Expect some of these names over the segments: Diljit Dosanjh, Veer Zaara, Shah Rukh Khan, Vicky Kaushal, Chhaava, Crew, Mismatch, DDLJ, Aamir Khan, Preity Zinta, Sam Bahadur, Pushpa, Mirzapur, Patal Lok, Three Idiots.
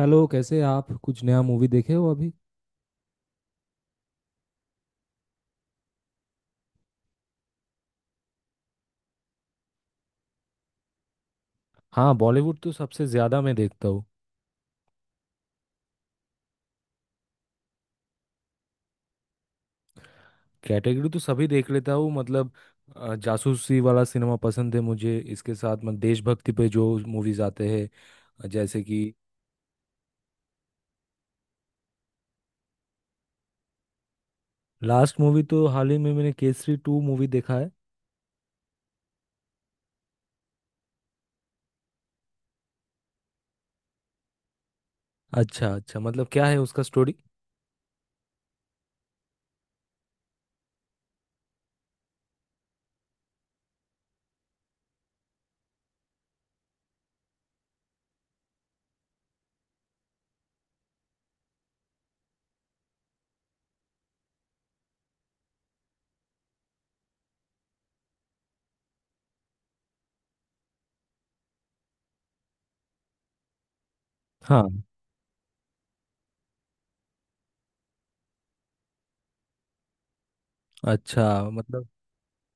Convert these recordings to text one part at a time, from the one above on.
Hello. कैसे हैं आप? कुछ नया मूवी देखे हो अभी? हाँ, बॉलीवुड तो सबसे ज्यादा मैं देखता हूँ। कैटेगरी तो सभी देख लेता हूँ मतलब। जासूसी वाला सिनेमा पसंद है मुझे। इसके साथ मतलब देशभक्ति पे जो मूवीज आते हैं। जैसे कि। लास्ट मूवी तो हाल ही में मैंने केसरी टू मूवी देखा है। अच्छा अच्छा, मतलब क्या है उसका स्टोरी? हाँ। अच्छा। मतलब।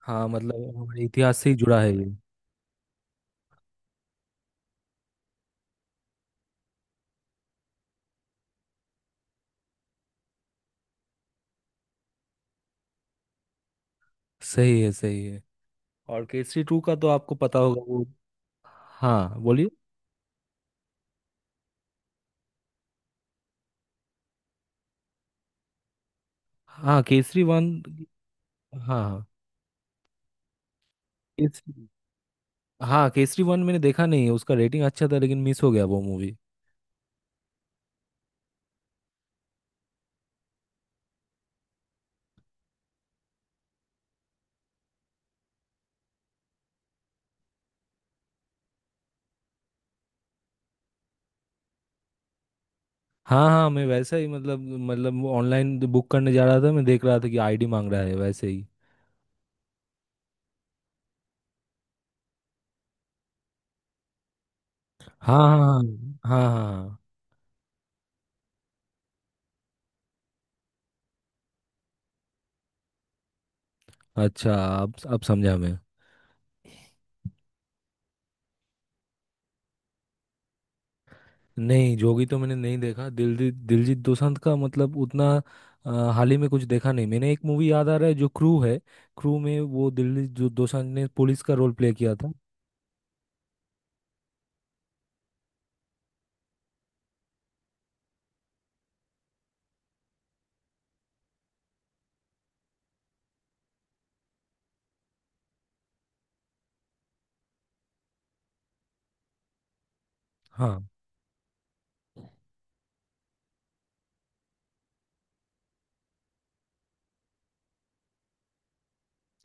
हाँ, मतलब हमारे इतिहास से ही जुड़ा है ये। सही है, सही है। और केसरी टू का तो आपको पता होगा वो। हाँ, बोलिए। हाँ, केसरी वन। हाँ। हाँ। केसरी। हाँ, केसरी वन मैंने देखा नहीं है। उसका रेटिंग अच्छा था, लेकिन मिस हो गया वो मूवी। हाँ हाँ, मैं वैसा ही मतलब। मतलब ऑनलाइन बुक करने जा रहा था, मैं देख रहा था कि आईडी मांग रहा है वैसे ही। हाँ हाँ हाँ हाँ। हाँ हाँ। अच्छा। अब समझा मैं। नहीं, जोगी तो मैंने नहीं देखा। दिलजीत दिलजीत दोसांझ का मतलब उतना। हाल ही में कुछ देखा नहीं मैंने। एक मूवी याद आ रहा है जो क्रू है। क्रू में वो दिलजीत, जो दोसांझ ने पुलिस का रोल प्ले किया था। हाँ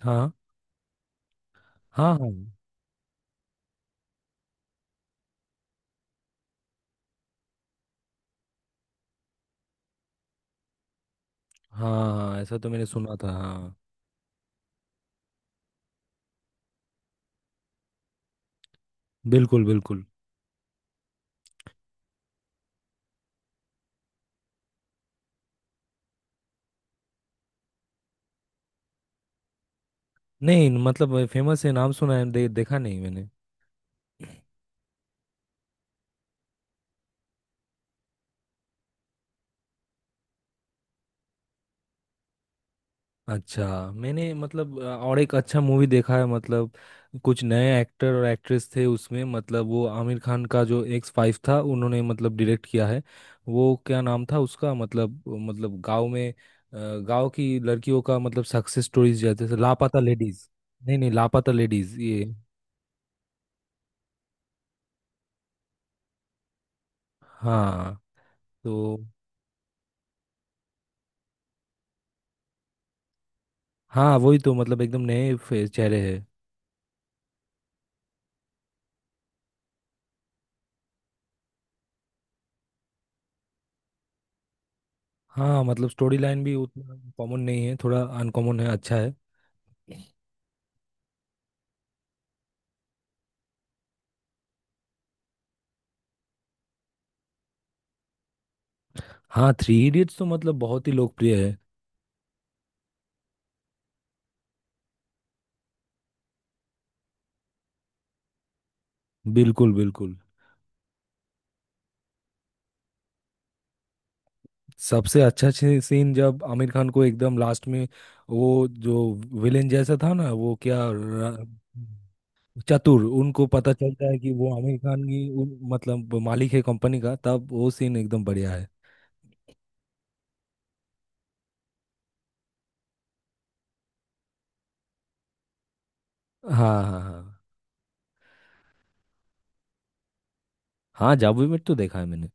हाँ हाँ हाँ। हाँ हाँ, ऐसा तो मैंने सुना था हाँ। बिल्कुल बिल्कुल। नहीं, मतलब फेमस है, नाम सुना है, देखा नहीं मैंने। अच्छा। मैंने मतलब और एक अच्छा मूवी देखा है मतलब। कुछ नए एक्टर और एक्ट्रेस थे उसमें, मतलब वो आमिर खान का जो एक्स फाइव था, उन्होंने मतलब डायरेक्ट किया है। वो क्या नाम था उसका मतलब गांव में, गांव की लड़कियों का मतलब सक्सेस स्टोरीज, जैसे से लापता लेडीज। नहीं नहीं, लापता लेडीज ये। हाँ। तो। हाँ, वही तो मतलब एकदम नए चेहरे हैं। हाँ, मतलब स्टोरी लाइन भी उतना कॉमन नहीं है, थोड़ा अनकॉमन है, अच्छा है। हाँ, थ्री इडियट्स तो मतलब बहुत ही लोकप्रिय है। बिल्कुल बिल्कुल। सबसे अच्छा सीन जब आमिर खान को एकदम लास्ट में, वो जो विलेन जैसा था ना, वो क्या चतुर, उनको पता चलता है कि वो आमिर खान की मतलब मालिक है कंपनी का, तब वो सीन एकदम बढ़िया है। हाँ हाँ हाँ हाँ। जादू में तो देखा है मैंने।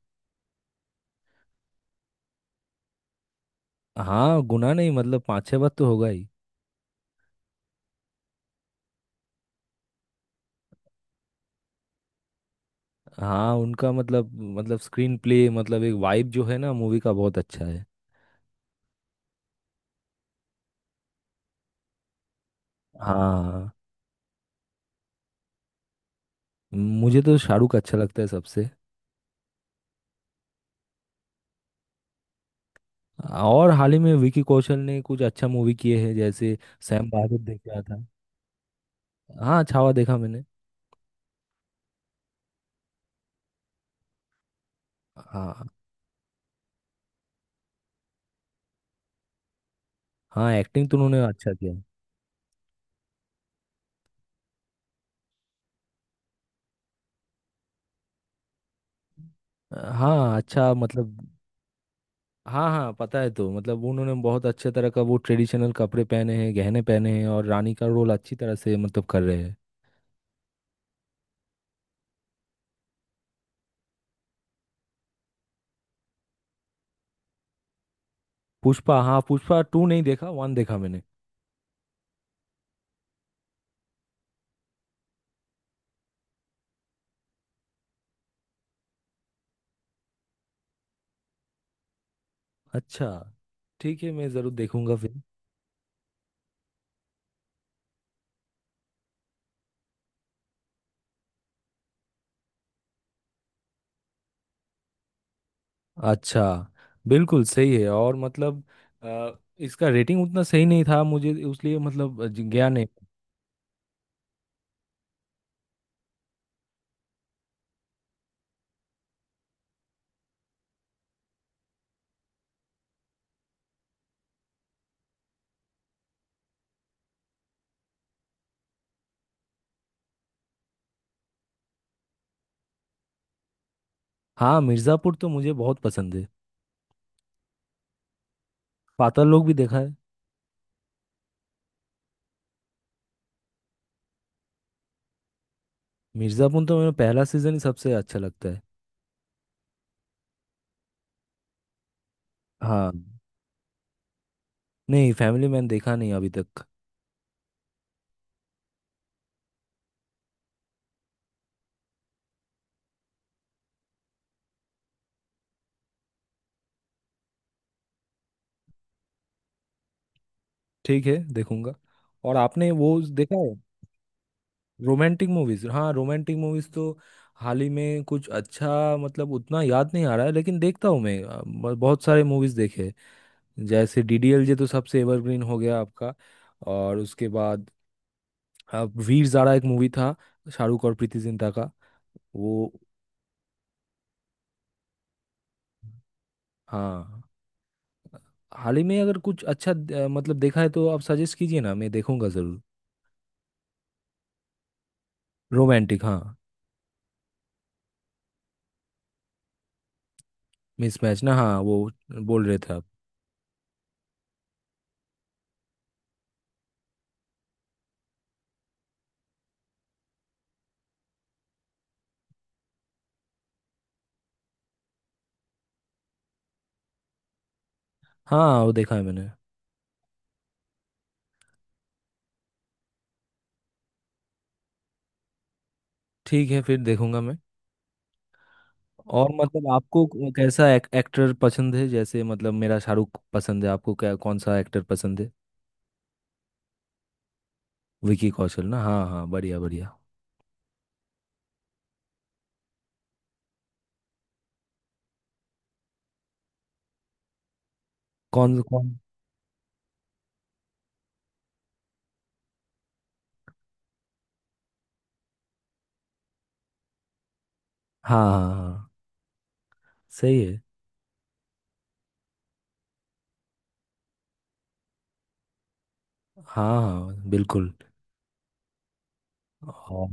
हाँ, गुना नहीं, मतलब 5-6 बार तो होगा ही। हाँ, उनका मतलब, मतलब स्क्रीन प्ले मतलब एक वाइब जो है ना मूवी का, बहुत अच्छा है। हाँ। मुझे तो शाहरुख अच्छा लगता है सबसे। और हाल ही में विकी कौशल ने कुछ अच्छा मूवी किए हैं, जैसे सैम बहादुर देख रहा था। हाँ, छावा देखा मैंने। हाँ। हाँ, एक्टिंग तो उन्होंने अच्छा किया। हाँ अच्छा, मतलब। हाँ हाँ, पता है। तो मतलब उन्होंने बहुत अच्छे तरह का वो ट्रेडिशनल कपड़े पहने हैं, गहने पहने हैं, और रानी का रोल अच्छी तरह से मतलब कर रहे हैं। पुष्पा, हाँ, पुष्पा टू नहीं देखा, वन देखा मैंने। अच्छा। ठीक है, मैं ज़रूर देखूंगा फिर। अच्छा। बिल्कुल सही है, और मतलब अ, इसका रेटिंग उतना सही नहीं था मुझे, उसलिए मतलब गया नहीं। हाँ, मिर्ज़ापुर तो मुझे बहुत पसंद है। पाताल लोक भी देखा है। मिर्ज़ापुर तो मेरा पहला सीज़न ही सबसे अच्छा लगता है। हाँ। नहीं, फैमिली मैन देखा नहीं अभी तक। ठीक है, देखूंगा। और आपने वो देखा है? रोमांटिक मूवीज, हाँ रोमांटिक मूवीज तो हाल ही में कुछ अच्छा मतलब उतना याद नहीं आ रहा है, लेकिन देखता हूँ मैं। बहुत सारे मूवीज देखे। जैसे डीडीएलजे तो सबसे एवरग्रीन हो गया आपका। और उसके बाद वीर ज़ारा एक मूवी था, शाहरुख और प्रीति जिंटा का। वो। हाँ। हाल ही में अगर कुछ अच्छा मतलब देखा है, तो आप सजेस्ट कीजिए ना, मैं देखूंगा जरूर। रोमांटिक, हाँ। मिसमैच ना, हाँ वो बोल रहे थे आप। हाँ, वो देखा है मैंने। ठीक है, फिर देखूंगा मैं। और मतलब आपको कैसा एक्टर पसंद है? जैसे मतलब मेरा शाहरुख पसंद है, आपको क्या कौन सा एक्टर पसंद है? विकी कौशल ना, हाँ हाँ, बढ़िया बढ़िया। कौन कौन? हाँ हाँ हाँ। सही है। हाँ हाँ, बिल्कुल। और।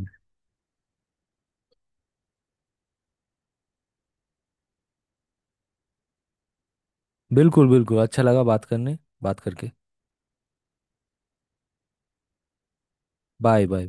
बिल्कुल बिल्कुल, अच्छा लगा बात करके। Bye bye.